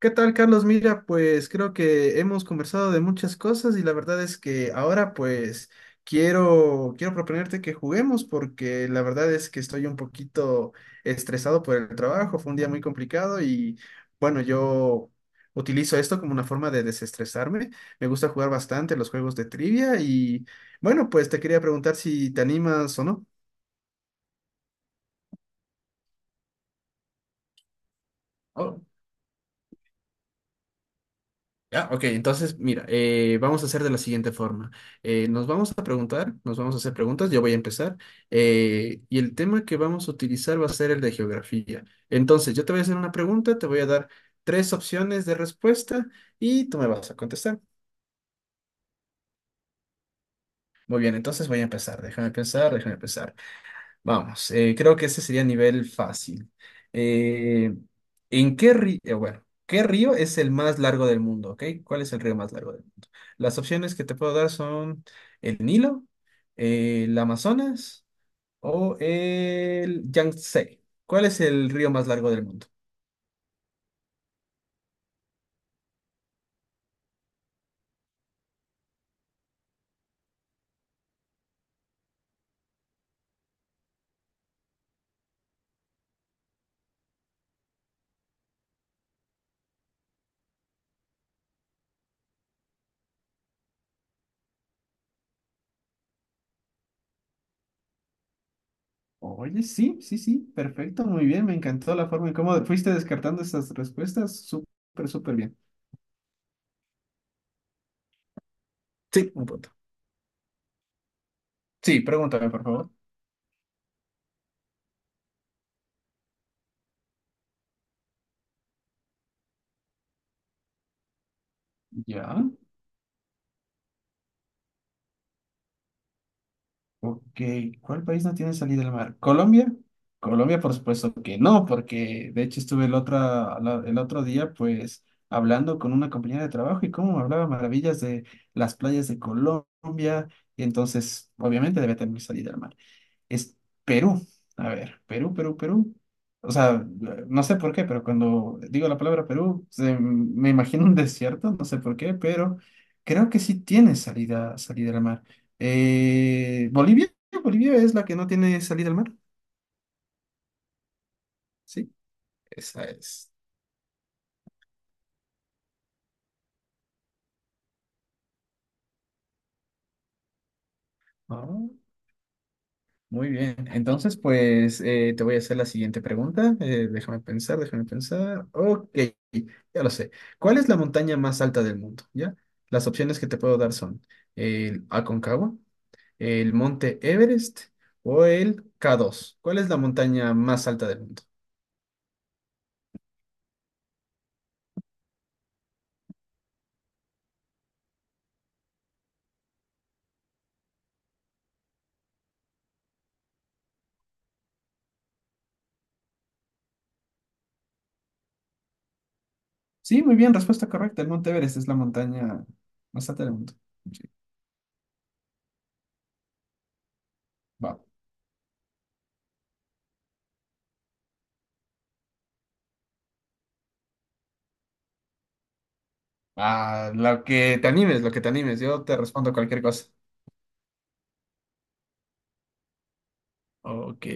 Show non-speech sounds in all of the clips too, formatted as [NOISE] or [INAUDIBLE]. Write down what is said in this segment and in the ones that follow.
¿Qué tal, Carlos? Mira, pues creo que hemos conversado de muchas cosas y la verdad es que ahora pues quiero proponerte que juguemos porque la verdad es que estoy un poquito estresado por el trabajo, fue un día muy complicado y bueno, yo utilizo esto como una forma de desestresarme, me gusta jugar bastante los juegos de trivia y bueno, pues te quería preguntar si te animas o no. Ya, ok, entonces mira, vamos a hacer de la siguiente forma. Nos vamos a preguntar, nos vamos a hacer preguntas, yo voy a empezar, y el tema que vamos a utilizar va a ser el de geografía. Entonces, yo te voy a hacer una pregunta, te voy a dar tres opciones de respuesta y tú me vas a contestar. Muy bien, entonces voy a empezar, déjame pensar, déjame pensar. Vamos, creo que ese sería nivel fácil. Eh, ¿En qué río? Bueno, ¿qué río es el más largo del mundo? ¿Ok? ¿Cuál es el río más largo del mundo? Las opciones que te puedo dar son el Nilo, el Amazonas o el Yangtze. ¿Cuál es el río más largo del mundo? Oye, sí, sí, sí, perfecto, muy bien, me encantó la forma en cómo fuiste descartando estas respuestas, súper, súper bien. Sí, un punto. Sí, pregúntame, por favor. Ya. Ok, ¿cuál país no tiene salida al mar? ¿Colombia? Colombia, por supuesto que no, porque de hecho estuve el otro, el otro día pues hablando con una compañera de trabajo y cómo me hablaba maravillas de las playas de Colombia, y entonces obviamente debe tener salida al mar es Perú. A ver, Perú, Perú, Perú. O sea, no sé por qué, pero cuando digo la palabra Perú, me imagino un desierto, no sé por qué, pero creo que sí tiene salida al mar. Bolivia, Bolivia es la que no tiene salida al mar, ¿sí? Esa es. Ah. Muy bien, entonces pues te voy a hacer la siguiente pregunta. Déjame pensar, déjame pensar. Ok, ya lo sé. ¿Cuál es la montaña más alta del mundo? ¿Ya? Las opciones que te puedo dar son el Aconcagua, el Monte Everest o el K2. ¿Cuál es la montaña más alta del mundo? Sí, muy bien, respuesta correcta. El Monte Everest es la montaña más alta del mundo. Sí, va. Ah, lo que te animes, lo que te animes. Yo te respondo cualquier cosa. Ok.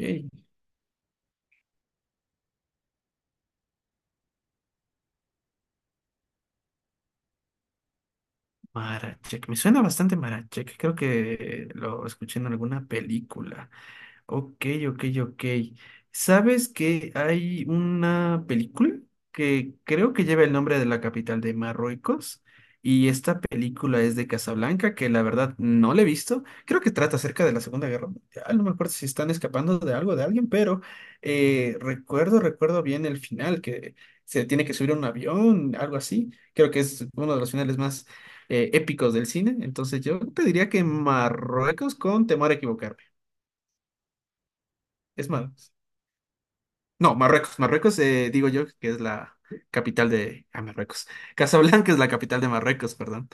Marachek, me suena bastante Marachek, creo que lo escuché en alguna película. Ok, ok, ok. ¿Sabes que hay una película que creo que lleva el nombre de la capital de Marruecos? Y esta película es de Casablanca, que la verdad no la he visto. Creo que trata acerca de la Segunda Guerra Mundial. No me acuerdo si están escapando de algo, de alguien, pero recuerdo bien el final, que se tiene que subir a un avión, algo así. Creo que es uno de los finales más épicos del cine. Entonces yo te diría que Marruecos con temor a equivocarme. Es malo. No, Marruecos. Marruecos, digo yo, que es la capital de... Ah, Marruecos. Casablanca es la capital de Marruecos, perdón.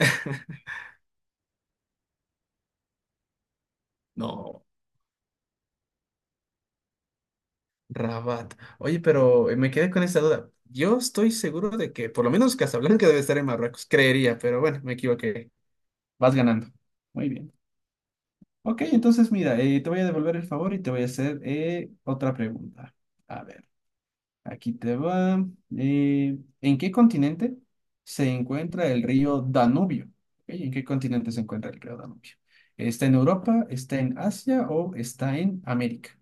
[LAUGHS] No, Rabat. Oye, pero me quedé con esta duda. Yo estoy seguro de que por lo menos Casablanca debe estar en Marruecos, creería, pero bueno, me equivoqué. Vas ganando. Muy bien. Ok, entonces mira, te voy a devolver el favor y te voy a hacer otra pregunta. A ver. Aquí te va. ¿En qué continente se encuentra el río Danubio? Ok, ¿En qué continente se encuentra el río Danubio? ¿Está en Europa, está en Asia o está en América?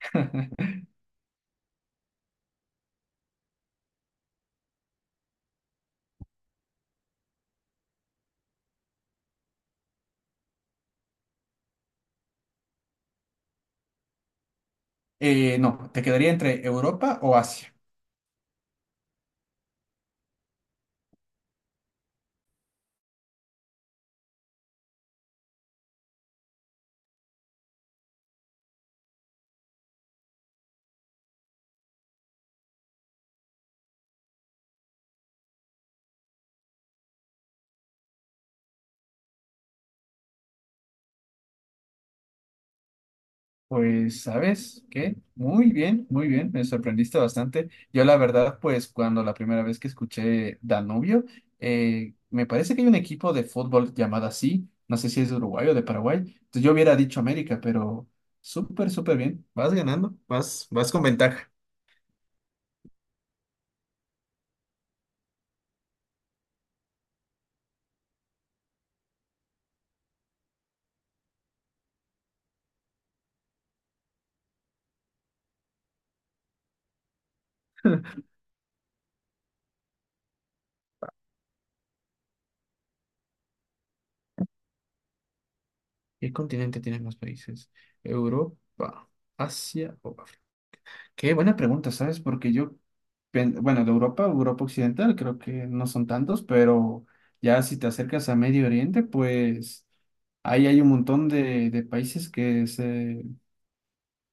[LAUGHS] No, te quedaría entre Europa o Asia. Pues, ¿sabes qué? Muy bien, me sorprendiste bastante. Yo la verdad, pues cuando la primera vez que escuché Danubio, me parece que hay un equipo de fútbol llamado así, no sé si es de Uruguay o de Paraguay, entonces yo hubiera dicho América, pero súper, súper bien, vas ganando, vas, vas con ventaja. ¿Qué continente tiene más países? Europa, Asia, qué buena pregunta, ¿sabes? Porque yo, bueno, de Europa, Europa Occidental, creo que no son tantos, pero ya si te acercas a Medio Oriente, pues ahí hay un montón de países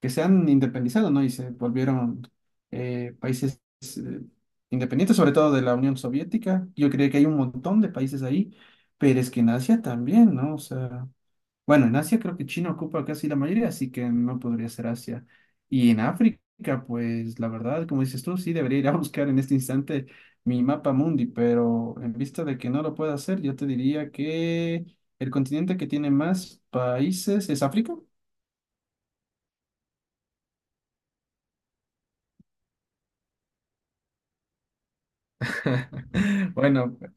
que se han independizado, ¿no? Y se volvieron países eh, independientes, sobre todo de la Unión Soviética. Yo creo que hay un montón de países ahí, pero es que en Asia también, ¿no? O sea... Bueno, en Asia creo que China ocupa casi la mayoría, así que no podría ser Asia. Y en África, pues la verdad, como dices tú, sí debería ir a [LAUGHS] buscar en este instante mi mapa mundi, pero en vista de que no lo puedo hacer, yo te diría que el continente que tiene más países es África. [LAUGHS] Bueno, pues,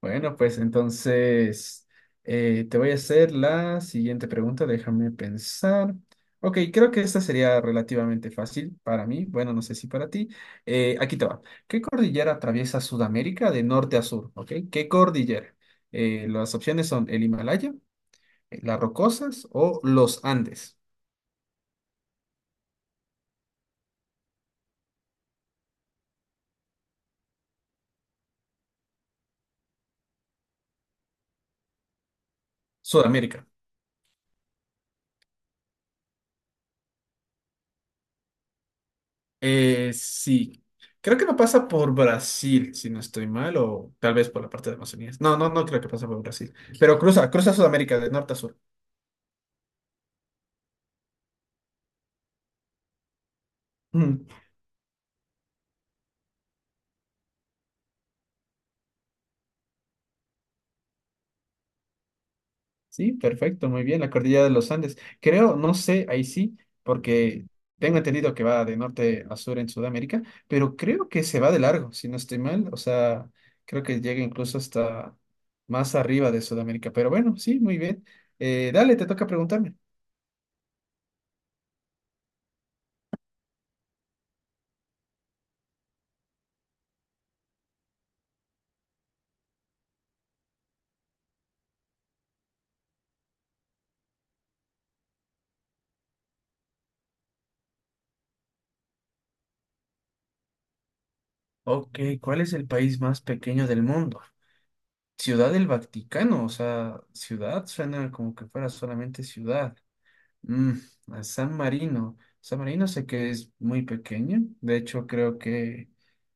bueno, pues entonces te voy a hacer la siguiente pregunta, déjame pensar. Ok, creo que esta sería relativamente fácil para mí, bueno, no sé si para ti. Aquí te va. ¿Qué cordillera atraviesa Sudamérica de norte a sur? Ok, ¿qué cordillera? Las opciones son el Himalaya, las Rocosas o los Andes. Sudamérica. Sí, creo que no pasa por Brasil, si no estoy mal, o tal vez por la parte de Amazonía. No, no, no creo que pasa por Brasil, pero cruza Sudamérica de norte a sur. [LAUGHS] Mm, sí, perfecto, muy bien, la cordillera de los Andes. Creo, no sé, ahí sí, porque tengo entendido que va de norte a sur en Sudamérica, pero creo que se va de largo, si no estoy mal, o sea, creo que llega incluso hasta más arriba de Sudamérica, pero bueno, sí, muy bien. Dale, te toca preguntarme. Ok, ¿cuál es el país más pequeño del mundo? Ciudad del Vaticano, o sea, ciudad suena como que fuera solamente ciudad. Mm, a San Marino. San Marino sé que es muy pequeño, de hecho creo que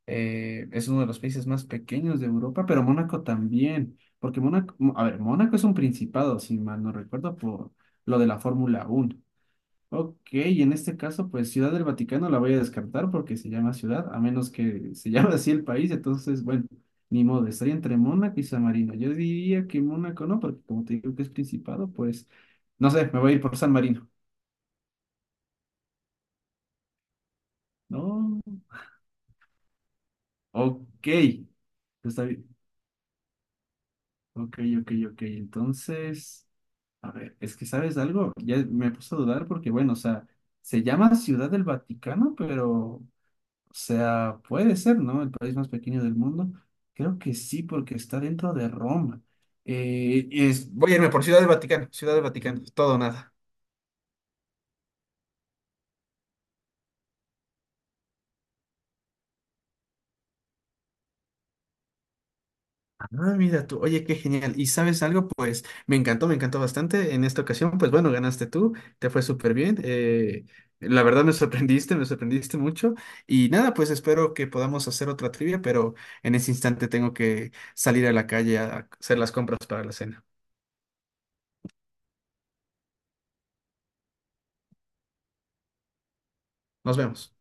es uno de los países más pequeños de Europa, pero Mónaco también, porque Mónaco, a ver, Mónaco es un principado, si mal no recuerdo, por lo de la Fórmula Uno. Ok, y en este caso, pues Ciudad del Vaticano la voy a descartar porque se llama ciudad, a menos que se [LAUGHS] llame así el país, entonces, bueno, ni modo, estaría entre Mónaco y San Marino. Yo diría que Mónaco no, porque como te digo que es principado, pues, no sé, me voy a ir por San Marino. No, ok, está bien. Ok, ok, ok, entonces, a ver, es que ¿sabes algo? Ya me puse a dudar porque, bueno, o sea, se llama Ciudad del Vaticano, pero... O sea, puede ser, ¿no? El país más pequeño del mundo. Creo que sí, porque está dentro de Roma. Voy a irme por Ciudad del Vaticano, todo o nada. Ah, mira tú, oye, qué genial. ¿Y sabes algo? Pues me encantó bastante. En esta ocasión, pues bueno, ganaste tú, te fue súper bien. La verdad me sorprendiste mucho. Y nada, pues espero que podamos hacer otra trivia, pero en ese instante tengo que salir a la calle a hacer las compras para la cena. Nos vemos.